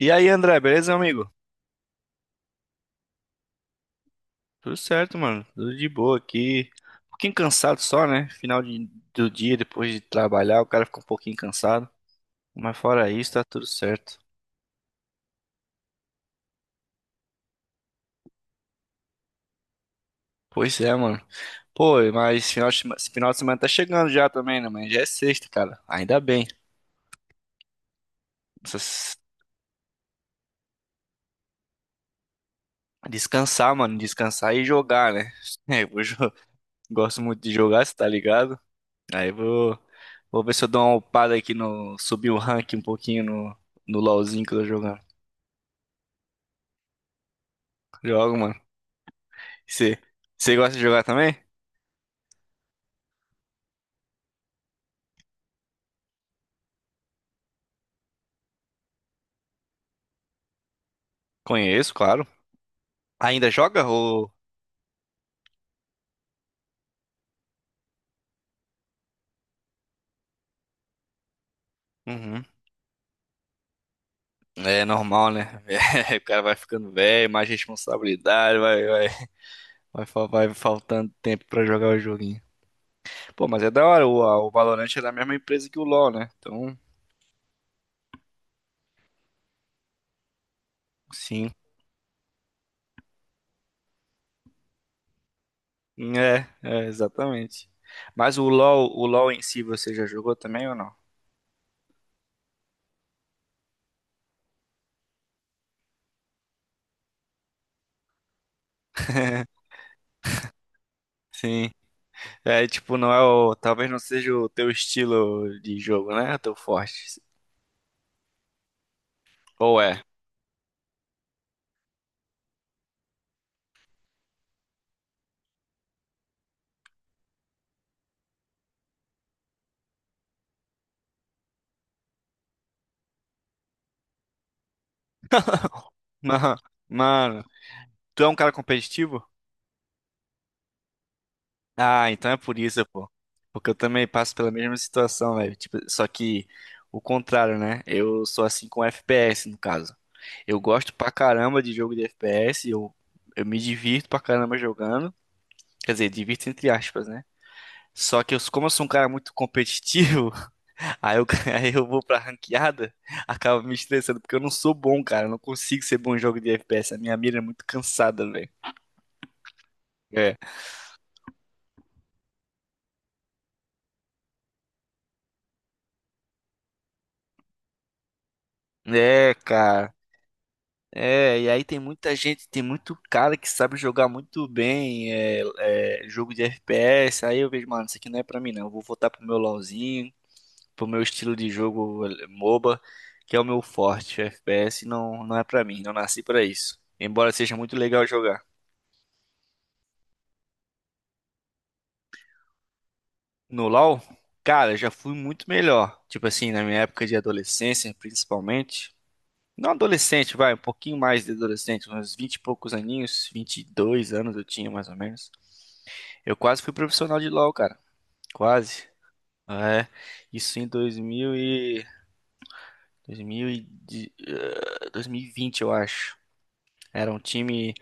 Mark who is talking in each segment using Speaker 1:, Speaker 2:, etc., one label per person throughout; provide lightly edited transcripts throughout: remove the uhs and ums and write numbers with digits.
Speaker 1: E aí, André, beleza, meu amigo? Tudo certo, mano. Tudo de boa aqui. Um pouquinho cansado só, né? Do dia, depois de trabalhar, o cara fica um pouquinho cansado. Mas fora isso, tá tudo certo. Pois é, mano. Pô, mas final de semana tá chegando já também, né, mano? Já é sexta, cara. Ainda bem. Essas- Descansar, mano. Descansar e jogar, né? É, gosto muito de jogar, você tá ligado? Aí vou, vou ver se eu dou uma upada aqui no. Subir o rank um pouquinho no LOLzinho que eu tô jogando. Jogo, mano. Você, você gosta de jogar também? Conheço, claro. Ainda joga ou... Uhum. É normal, né? O cara vai ficando velho, mais responsabilidade, vai faltando tempo pra jogar o joguinho. Pô, mas é da hora, o Valorant é da mesma empresa que o LoL, né? Então, sim. É, é, exatamente. Mas o LoL em si você já jogou também ou não? Sim. É, tipo, não é o. Talvez não seja o teu estilo de jogo, né? O teu forte. Ou é? Mano, mano, tu é um cara competitivo? Ah, então é por isso, pô. Porque eu também passo pela mesma situação, velho. Tipo, só que o contrário, né? Eu sou assim com FPS, no caso. Eu gosto pra caramba de jogo de FPS, eu me divirto pra caramba jogando. Quer dizer, divirto entre aspas, né? Só que eu, como eu sou um cara muito competitivo, aí eu, aí eu vou pra ranqueada, acaba me estressando, porque eu não sou bom, cara. Eu não consigo ser bom em jogo de FPS. A minha mira é muito cansada, velho. É, cara. É, e aí tem muita gente, tem muito cara que sabe jogar muito bem jogo de FPS. Aí eu vejo, mano, isso aqui não é pra mim, não. Eu vou voltar pro meu LoLzinho, pro meu estilo de jogo MOBA, que é o meu forte. O FPS não, não é pra mim, não nasci pra isso. Embora seja muito legal jogar. No LoL, cara, eu já fui muito melhor. Tipo assim, na minha época de adolescência, principalmente. Não adolescente, vai, um pouquinho mais de adolescente, uns 20 e poucos aninhos, 22 anos eu tinha mais ou menos. Eu quase fui profissional de LoL, cara. Quase. É, isso em 2020, eu acho. Era um time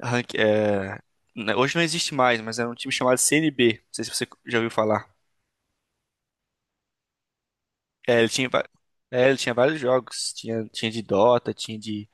Speaker 1: rank- eh, né, hoje não existe mais, mas era um time chamado CNB. Não sei se você já ouviu falar. É, é, ele tinha vários jogos. Tinha de Dota, tinha de.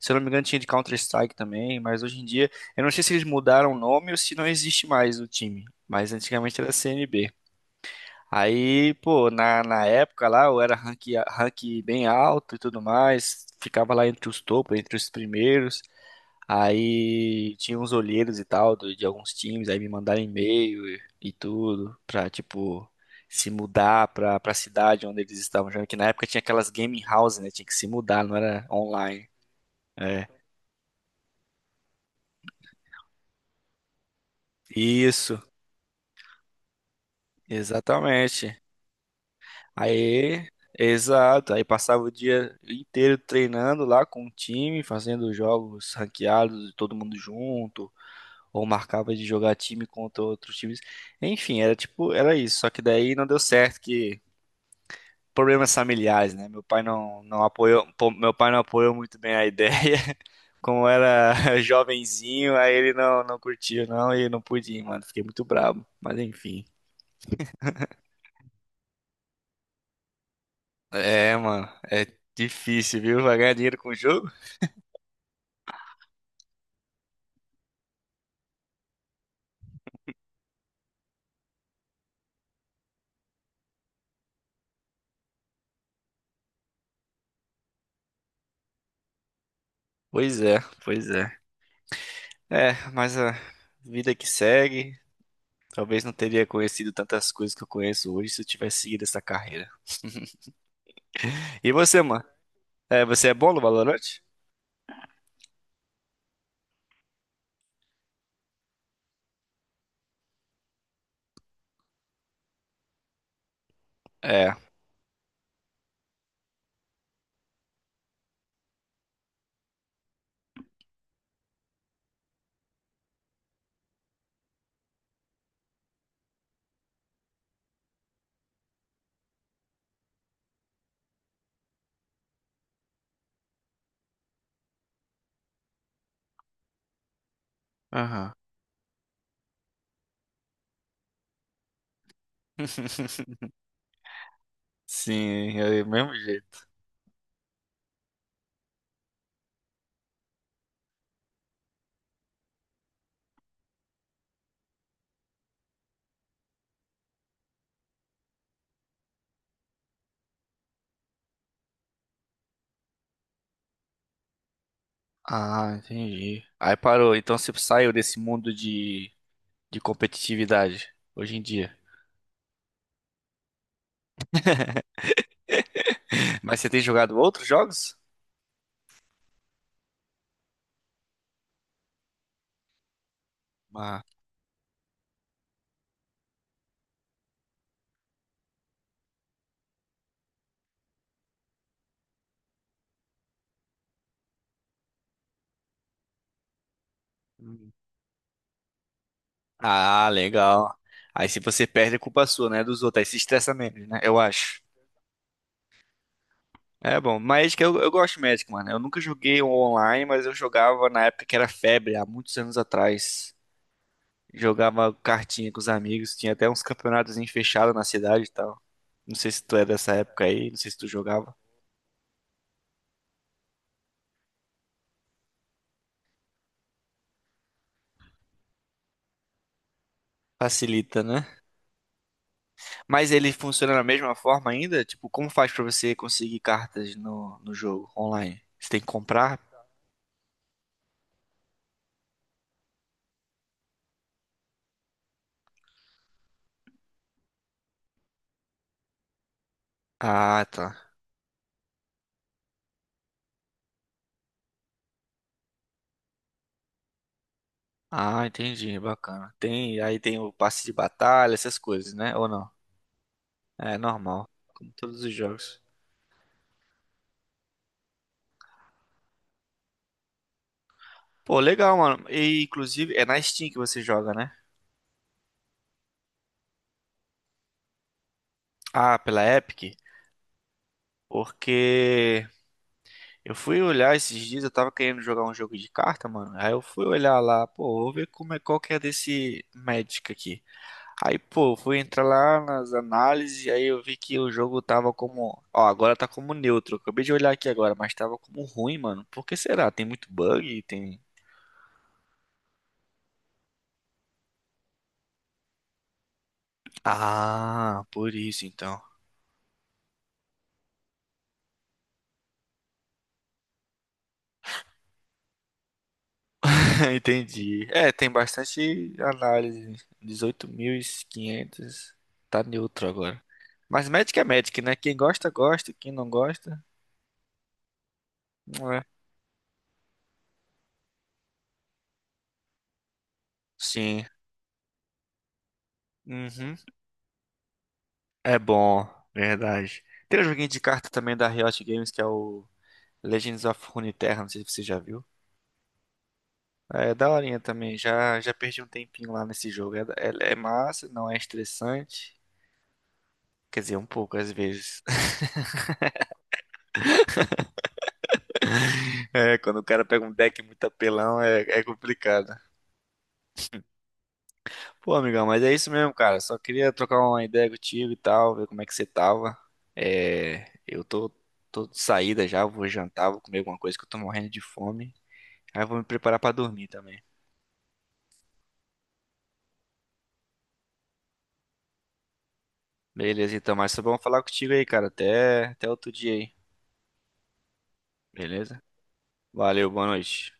Speaker 1: Se eu não me engano, tinha de Counter-Strike também. Mas hoje em dia, eu não sei se eles mudaram o nome ou se não existe mais o time. Mas antigamente era CNB. Aí, pô, na época lá, eu era rank bem alto e tudo mais. Ficava lá entre os topos, entre os primeiros. Aí tinha uns olheiros e tal de alguns times, aí me mandaram e-mail e tudo pra, tipo, se mudar pra cidade onde eles estavam jogando, que na época tinha aquelas gaming houses, né? Tinha que se mudar, não era online. É, isso, exatamente. Aí, exato, aí passava o dia inteiro treinando lá com o time, fazendo jogos ranqueados, todo mundo junto, ou marcava de jogar time contra outros times. Enfim, era tipo, era isso, só que daí não deu certo que problemas familiares, né? Meu pai não apoiou, pô, meu pai não apoiou muito bem a ideia. Como era jovenzinho, aí ele não curtiu, não, e não pude ir, mano. Fiquei muito brabo. Mas enfim. É, mano, é difícil, viu? Vai ganhar dinheiro com o jogo? Pois é, pois é. É, mas a vida que segue. Talvez não teria conhecido tantas coisas que eu conheço hoje se eu tivesse seguido essa carreira. E você, mano? É, você é bom no Valorant? É. Aham. Sim, é do mesmo jeito. Ah, entendi. Aí parou. Então você saiu desse mundo de competitividade hoje em dia. Mas você tem jogado outros jogos? Ah, hum. Ah, legal. Aí se você perde, é culpa sua, né? Dos outros. Aí se estressa menos, né? Eu acho. É bom. Magic, eu gosto de Magic, mano. Eu nunca joguei online, mas eu jogava na época que era febre, há muitos anos atrás. Jogava cartinha com os amigos. Tinha até uns campeonatos fechados na cidade e tal. Não sei se tu é dessa época aí. Não sei se tu jogava. Facilita, né? Mas ele funciona da mesma forma ainda? Tipo, como faz pra você conseguir cartas no jogo online? Você tem que comprar? Ah, tá. Ah, entendi, bacana. Tem, aí tem o passe de batalha, essas coisas, né? Ou não? É normal, como todos os jogos. Pô, legal, mano. E inclusive é na Steam que você joga, né? Ah, pela Epic? Porque eu fui olhar esses dias, eu tava querendo jogar um jogo de carta, mano. Aí eu fui olhar lá, pô, vou ver como é qual que é desse Magic aqui. Aí, pô, eu fui entrar lá nas análises, aí eu vi que o jogo tava como. Ó, agora tá como neutro. Acabei de olhar aqui agora, mas tava como ruim, mano. Por que será? Tem muito bug? Tem. Ah, por isso então. Entendi. É, tem bastante análise. 18.500. Tá neutro agora. Mas Magic é Magic, né? Quem gosta, gosta. Quem não gosta, não é. Sim. Uhum. É bom, verdade. Tem um joguinho de carta também da Riot Games que é o. Legends of Runeterra, não sei se você já viu. É daorinha também, já, já perdi um tempinho lá nesse jogo. É, é, é massa, não é estressante. Quer dizer, um pouco às vezes. É, quando o cara pega um deck muito apelão, é, é complicado. Pô, amigão, mas é isso mesmo, cara. Só queria trocar uma ideia contigo e tal, ver como é que você tava. É, eu tô, tô de saída já, vou jantar, vou comer alguma coisa que eu tô morrendo de fome. Aí eu vou me preparar pra dormir também. Beleza, então, mas só vamos falar contigo aí, cara. Até, até outro dia aí, beleza? Valeu, boa noite.